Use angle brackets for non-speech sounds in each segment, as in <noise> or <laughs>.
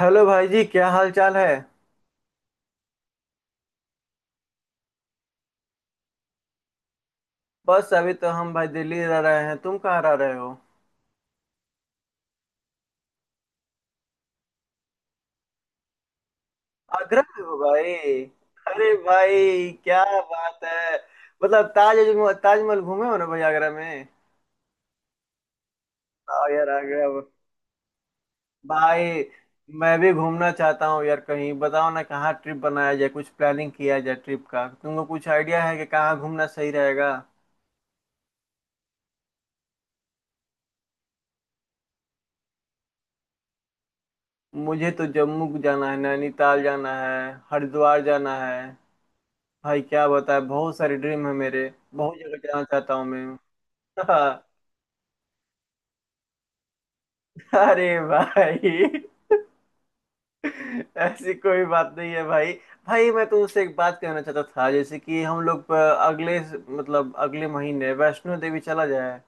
Hello भाई जी क्या हाल चाल है। बस अभी तो हम भाई दिल्ली रह रहे हैं। तुम कहाँ रह रहे हो। आगरा में हो भाई। अरे भाई क्या बात है। मतलब ताजमहल घूमे हो ना भाई आगरा में। आओ यार आगरा भाई, मैं भी घूमना चाहता हूँ यार। कहीं बताओ ना कहाँ ट्रिप बनाया जाए, कुछ प्लानिंग किया जाए ट्रिप का। तुमको कुछ आइडिया है कि कहाँ घूमना सही रहेगा। मुझे तो जम्मू जाना है, नैनीताल जाना है, हरिद्वार जाना है। भाई क्या बताए, बहुत सारे ड्रीम है मेरे। बहुत जगह जाना चाहता हूँ मैं। <laughs> हाँ, अरे भाई ऐसी कोई बात नहीं है भाई। भाई मैं तो उससे एक बात कहना चाहता था, जैसे कि हम लोग अगले मतलब अगले महीने वैष्णो देवी चला जाए।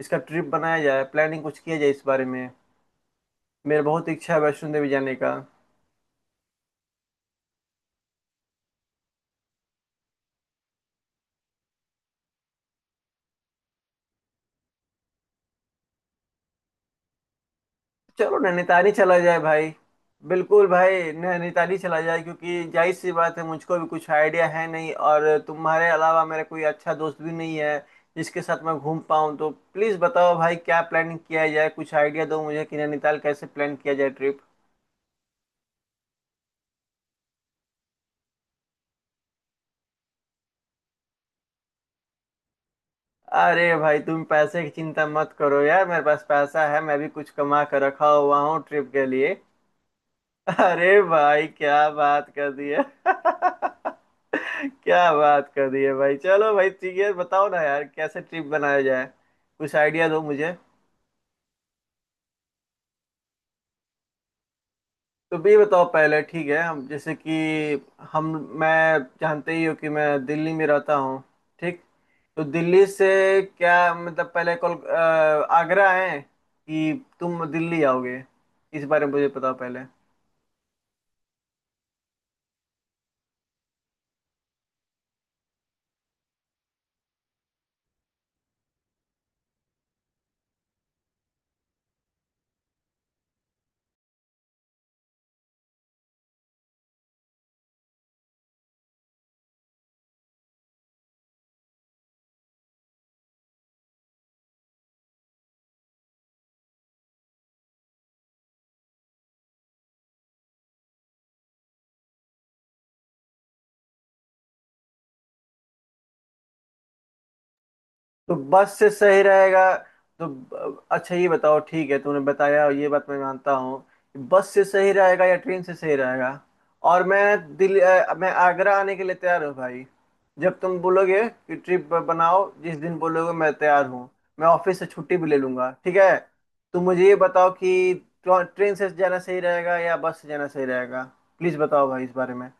इसका ट्रिप बनाया जाए, प्लानिंग कुछ किया जाए इस बारे में। मेरा बहुत इच्छा है वैष्णो देवी जाने का। चलो नैनीताल ही चला जाए भाई। बिल्कुल भाई नैनीताल ही चला जाए, क्योंकि जाहिर सी बात है, मुझको भी कुछ आइडिया है नहीं और तुम्हारे अलावा मेरा कोई अच्छा दोस्त भी नहीं है जिसके साथ मैं घूम पाऊँ। तो प्लीज़ बताओ भाई क्या प्लानिंग किया जाए, कुछ आइडिया दो मुझे कि नैनीताल कैसे प्लान किया जाए ट्रिप। अरे भाई तुम पैसे की चिंता मत करो यार, मेरे पास पैसा है, मैं भी कुछ कमा कर रखा हुआ हूँ ट्रिप के लिए। अरे भाई क्या बात कर दी है। <laughs> क्या बात कर दी है भाई। चलो भाई ठीक है, बताओ ना यार कैसे ट्रिप बनाया जाए, कुछ आइडिया दो मुझे। तो भी बताओ पहले ठीक है। हम जैसे कि हम मैं, जानते ही हो कि मैं दिल्ली में रहता हूँ ठीक। तो दिल्ली से क्या मतलब, पहले आगरा है कि तुम दिल्ली आओगे, इस बारे में मुझे बताओ पहले। तो बस से सही रहेगा, तो अच्छा ये बताओ, ठीक है तूने बताया और ये बात मैं मानता हूँ। बस से सही रहेगा या ट्रेन से सही रहेगा। और मैं आगरा आने के लिए तैयार हूँ भाई। जब तुम बोलोगे कि ट्रिप बनाओ, जिस दिन बोलोगे मैं तैयार हूँ। मैं ऑफिस से छुट्टी भी ले लूंगा ठीक है। तुम मुझे ये बताओ कि ट्रेन से जाना सही रहेगा या बस से जाना सही रहेगा। प्लीज बताओ भाई इस बारे में।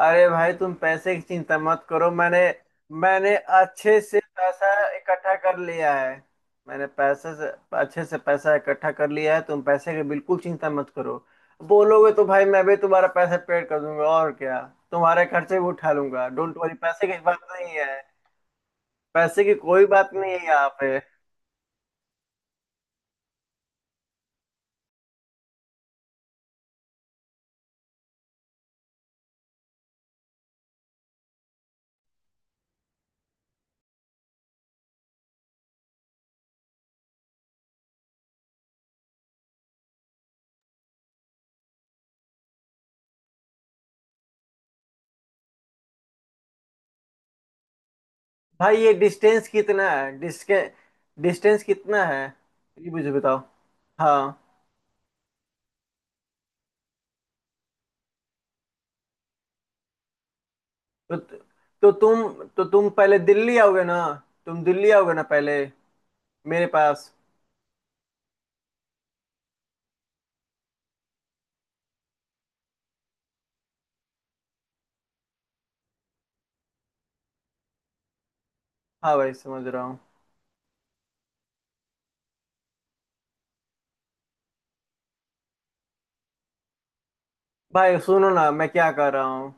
अरे भाई तुम पैसे की चिंता मत करो। मैंने मैंने अच्छे से पैसा इकट्ठा कर लिया है। मैंने पैसे से अच्छे से पैसा इकट्ठा कर लिया है, तुम पैसे की बिल्कुल चिंता मत करो। बोलोगे तो भाई मैं भी तुम्हारा पैसा पेड कर दूंगा और क्या, तुम्हारे खर्चे भी उठा लूंगा। डोंट वरी, पैसे की बात नहीं है, पैसे की कोई बात नहीं है यहाँ पे। भाई ये डिस्टेंस कितना है, डिस्के डिस्टेंस कितना है ये मुझे बताओ। हाँ, तो तुम तो तुम पहले दिल्ली आओगे ना, तुम दिल्ली आओगे ना पहले मेरे पास। हाँ भाई समझ रहा हूँ। भाई सुनो ना मैं क्या कर रहा हूँ।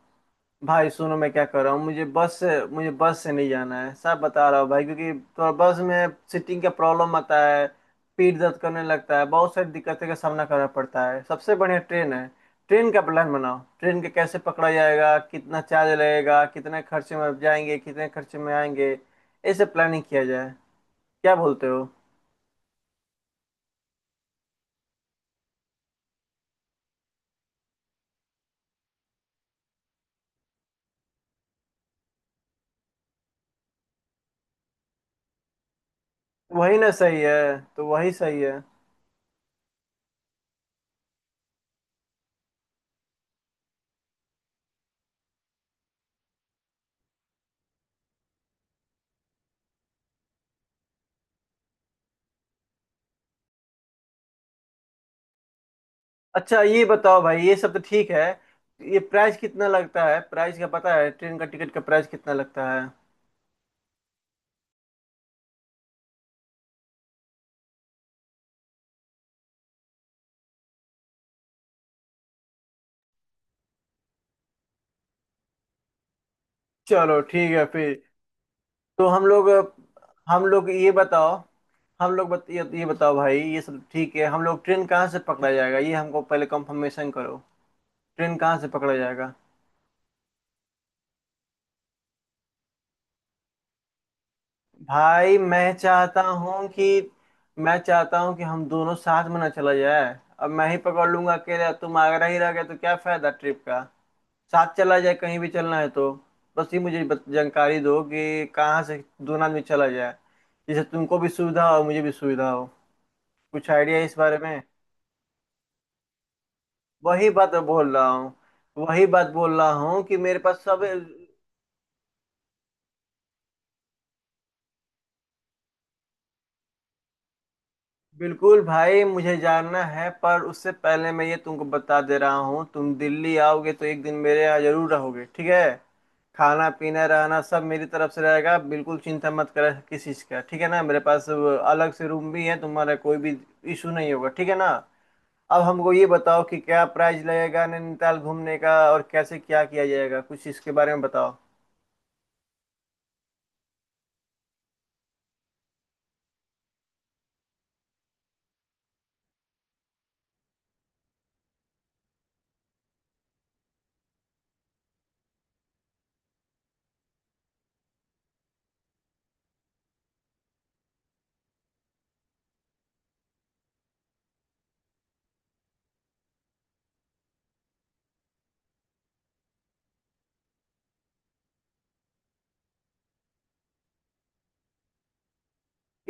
भाई सुनो मैं क्या कर रहा हूँ, मुझे बस से, मुझे बस से नहीं जाना है, सब बता रहा हूँ भाई। क्योंकि थोड़ा बस में सीटिंग का प्रॉब्लम आता है, पीठ दर्द करने लगता है, बहुत सारी दिक्कतें का सामना करना पड़ता है। सबसे बढ़िया ट्रेन है। ट्रेन का प्लान बनाओ, ट्रेन के कैसे पकड़ा जाएगा, कितना चार्ज लगेगा, कितने खर्चे में जाएंगे, कितने खर्चे में आएंगे। ऐसे प्लानिंग किया जाए, क्या बोलते हो। वही ना सही है, तो वही सही है। अच्छा ये बताओ भाई, ये सब तो ठीक है, ये प्राइस कितना लगता है, प्राइस का पता है, ट्रेन का टिकट का प्राइस कितना लगता है। चलो ठीक है फिर। तो हम लोग, हम लोग ये बताओ, हम लोग बत, ये बताओ भाई, ये सब ठीक है, हम लोग ट्रेन कहाँ से पकड़ा जाएगा ये हमको पहले कंफर्मेशन करो। ट्रेन कहाँ से पकड़ा जाएगा। भाई मैं चाहता हूँ कि मैं चाहता हूँ कि हम दोनों साथ में ना चला जाए। अब मैं ही पकड़ लूंगा अकेले, तुम आगरा ही रह गए तो क्या फायदा ट्रिप का। साथ चला जाए, कहीं भी चलना है तो। बस ये मुझे जानकारी दो कि कहाँ से दोनों आदमी चला जाए, जिससे तुमको भी सुविधा हो मुझे भी सुविधा हो। कुछ आइडिया है इस बारे में। वही बात मैं बोल रहा हूँ, वही बात बोल रहा हूँ कि मेरे पास सब। बिल्कुल भाई मुझे जानना है, पर उससे पहले मैं ये तुमको बता दे रहा हूँ, तुम दिल्ली आओगे तो एक दिन मेरे यहाँ जरूर रहोगे ठीक है। खाना पीना रहना सब मेरी तरफ से रहेगा, बिल्कुल चिंता मत करो किस चीज़ का, ठीक है ना। मेरे पास अलग से रूम भी है, तुम्हारा कोई भी इशू नहीं होगा ठीक है ना। अब हमको ये बताओ कि क्या प्राइस लगेगा नैनीताल घूमने का और कैसे क्या किया जाएगा, कुछ इसके बारे में बताओ।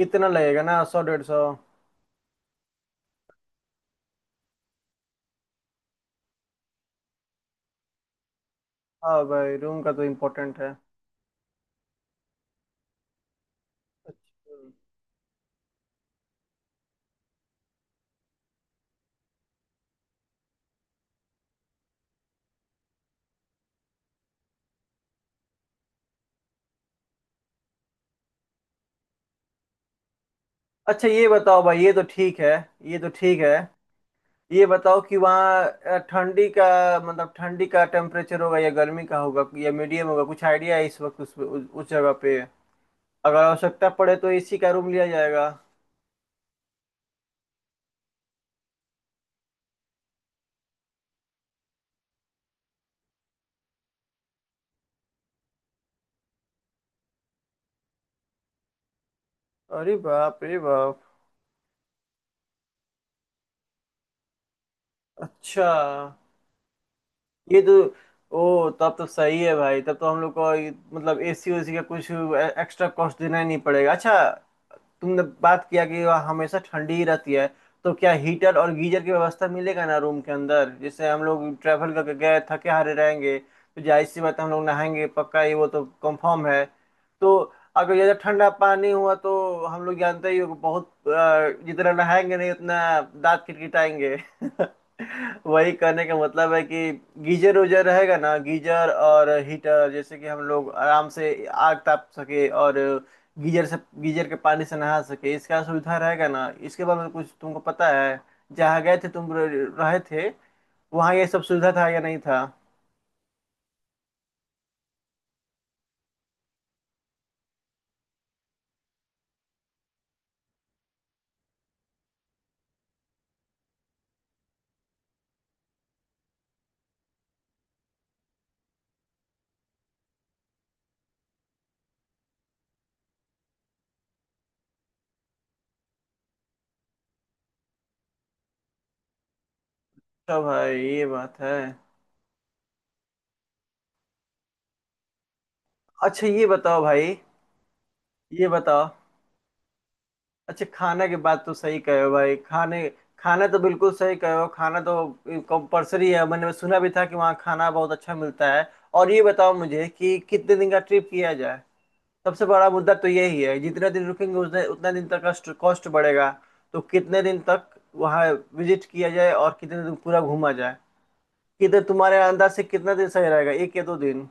इतना लगेगा ना, सौ डेढ़ सौ। हाँ भाई रूम का तो इम्पोर्टेंट है। अच्छा। अच्छा ये बताओ भाई, ये तो ठीक है, ये तो ठीक है। ये बताओ कि वहाँ ठंडी का मतलब ठंडी का टेम्परेचर होगा या गर्मी का होगा या मीडियम होगा, कुछ आइडिया है इस वक्त उस जगह पे। अगर आवश्यकता पड़े तो एसी का रूम लिया जाएगा। अरे बाप रे बाप। अच्छा ये तो, ओ तब तो सही है भाई, तब तो हम लोग को मतलब एसी ओसी का कुछ एक्स्ट्रा कॉस्ट देना ही नहीं पड़ेगा। अच्छा, तुमने बात किया कि वहाँ हमेशा ठंडी ही रहती है, तो क्या हीटर और गीजर की व्यवस्था मिलेगा ना रूम के अंदर। जैसे हम लोग ट्रैवल करके गए, थके हारे रहेंगे तो जाहिर सी बात है, हम लोग नहाएंगे पक्का, ये वो तो कंफर्म है तो। अगर ज़्यादा ठंडा पानी हुआ तो हम लोग जानते ही हो कि जितना नहाएंगे नहीं उतना दांत किटकिटाएंगे। <laughs> वही करने का मतलब है कि गीजर उजर रहेगा ना, गीजर और हीटर, जैसे कि हम लोग आराम से आग ताप सके और गीजर से, गीजर के पानी से नहा सके, इसका सुविधा रहेगा ना। इसके बारे में कुछ तुमको पता है, जहाँ गए थे तुम, रहे थे, वहाँ ये सब सुविधा था या नहीं था। अच्छा भाई ये बात है। अच्छा ये बताओ भाई, ये बताओ। अच्छा खाना की बात तो सही कहे हो भाई, खाने खाना तो बिल्कुल सही कहे हो, खाना तो कंपलसरी है। मैंने सुना भी था कि वहाँ खाना बहुत अच्छा मिलता है। और ये बताओ मुझे कि कितने दिन का ट्रिप किया जाए, सबसे बड़ा मुद्दा तो यही है। जितना दिन रुकेंगे उतने उतना दिन तक कॉस्ट कॉस्ट बढ़ेगा। तो कितने दिन तक वहाँ विजिट किया जाए और कितने दिन पूरा घूमा जाए, कितने तुम्हारे अंदाज से कितना दिन सही रहेगा, एक या दो दिन।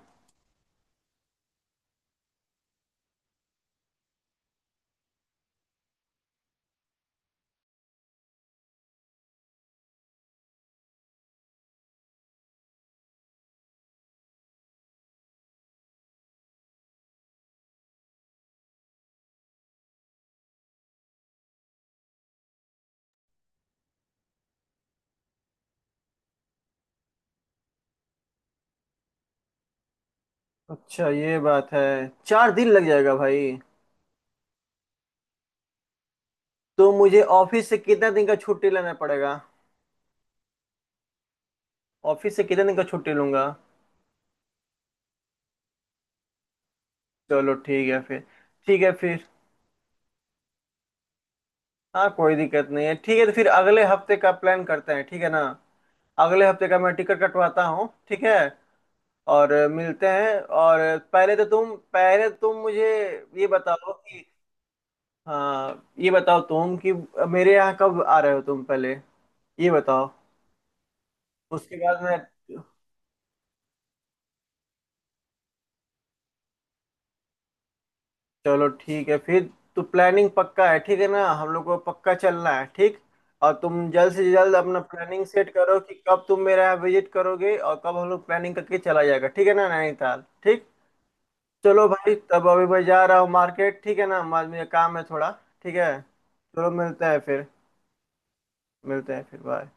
अच्छा ये बात है, चार दिन लग जाएगा भाई। तो मुझे ऑफिस से कितने दिन का छुट्टी लेना पड़ेगा, ऑफिस से कितने दिन का छुट्टी लूंगा। चलो ठीक है फिर। ठीक है फिर। हाँ कोई दिक्कत नहीं है, ठीक है तो फिर अगले हफ्ते का प्लान करते हैं ठीक है ना। अगले हफ्ते का मैं टिकट कटवाता हूँ ठीक है। और मिलते हैं और पहले तो तुम मुझे ये बताओ कि, हाँ ये बताओ तुम कि मेरे यहाँ कब आ रहे हो तुम पहले, ये बताओ। उसके बाद मैं, चलो ठीक है फिर। तो प्लानिंग पक्का है ठीक है ना, हम लोग को पक्का चलना है ठीक। और तुम जल्द से जल्द अपना प्लानिंग सेट करो कि कब तुम मेरे यहाँ विजिट करोगे और कब हम लोग प्लानिंग करके चला जाएगा, ठीक है ना नैनीताल ठीक। चलो भाई तब अभी मैं जा रहा हूँ मार्केट, ठीक है ना, मुझे काम है थोड़ा। ठीक है चलो, मिलते हैं फिर। मिलते हैं फिर, बाय।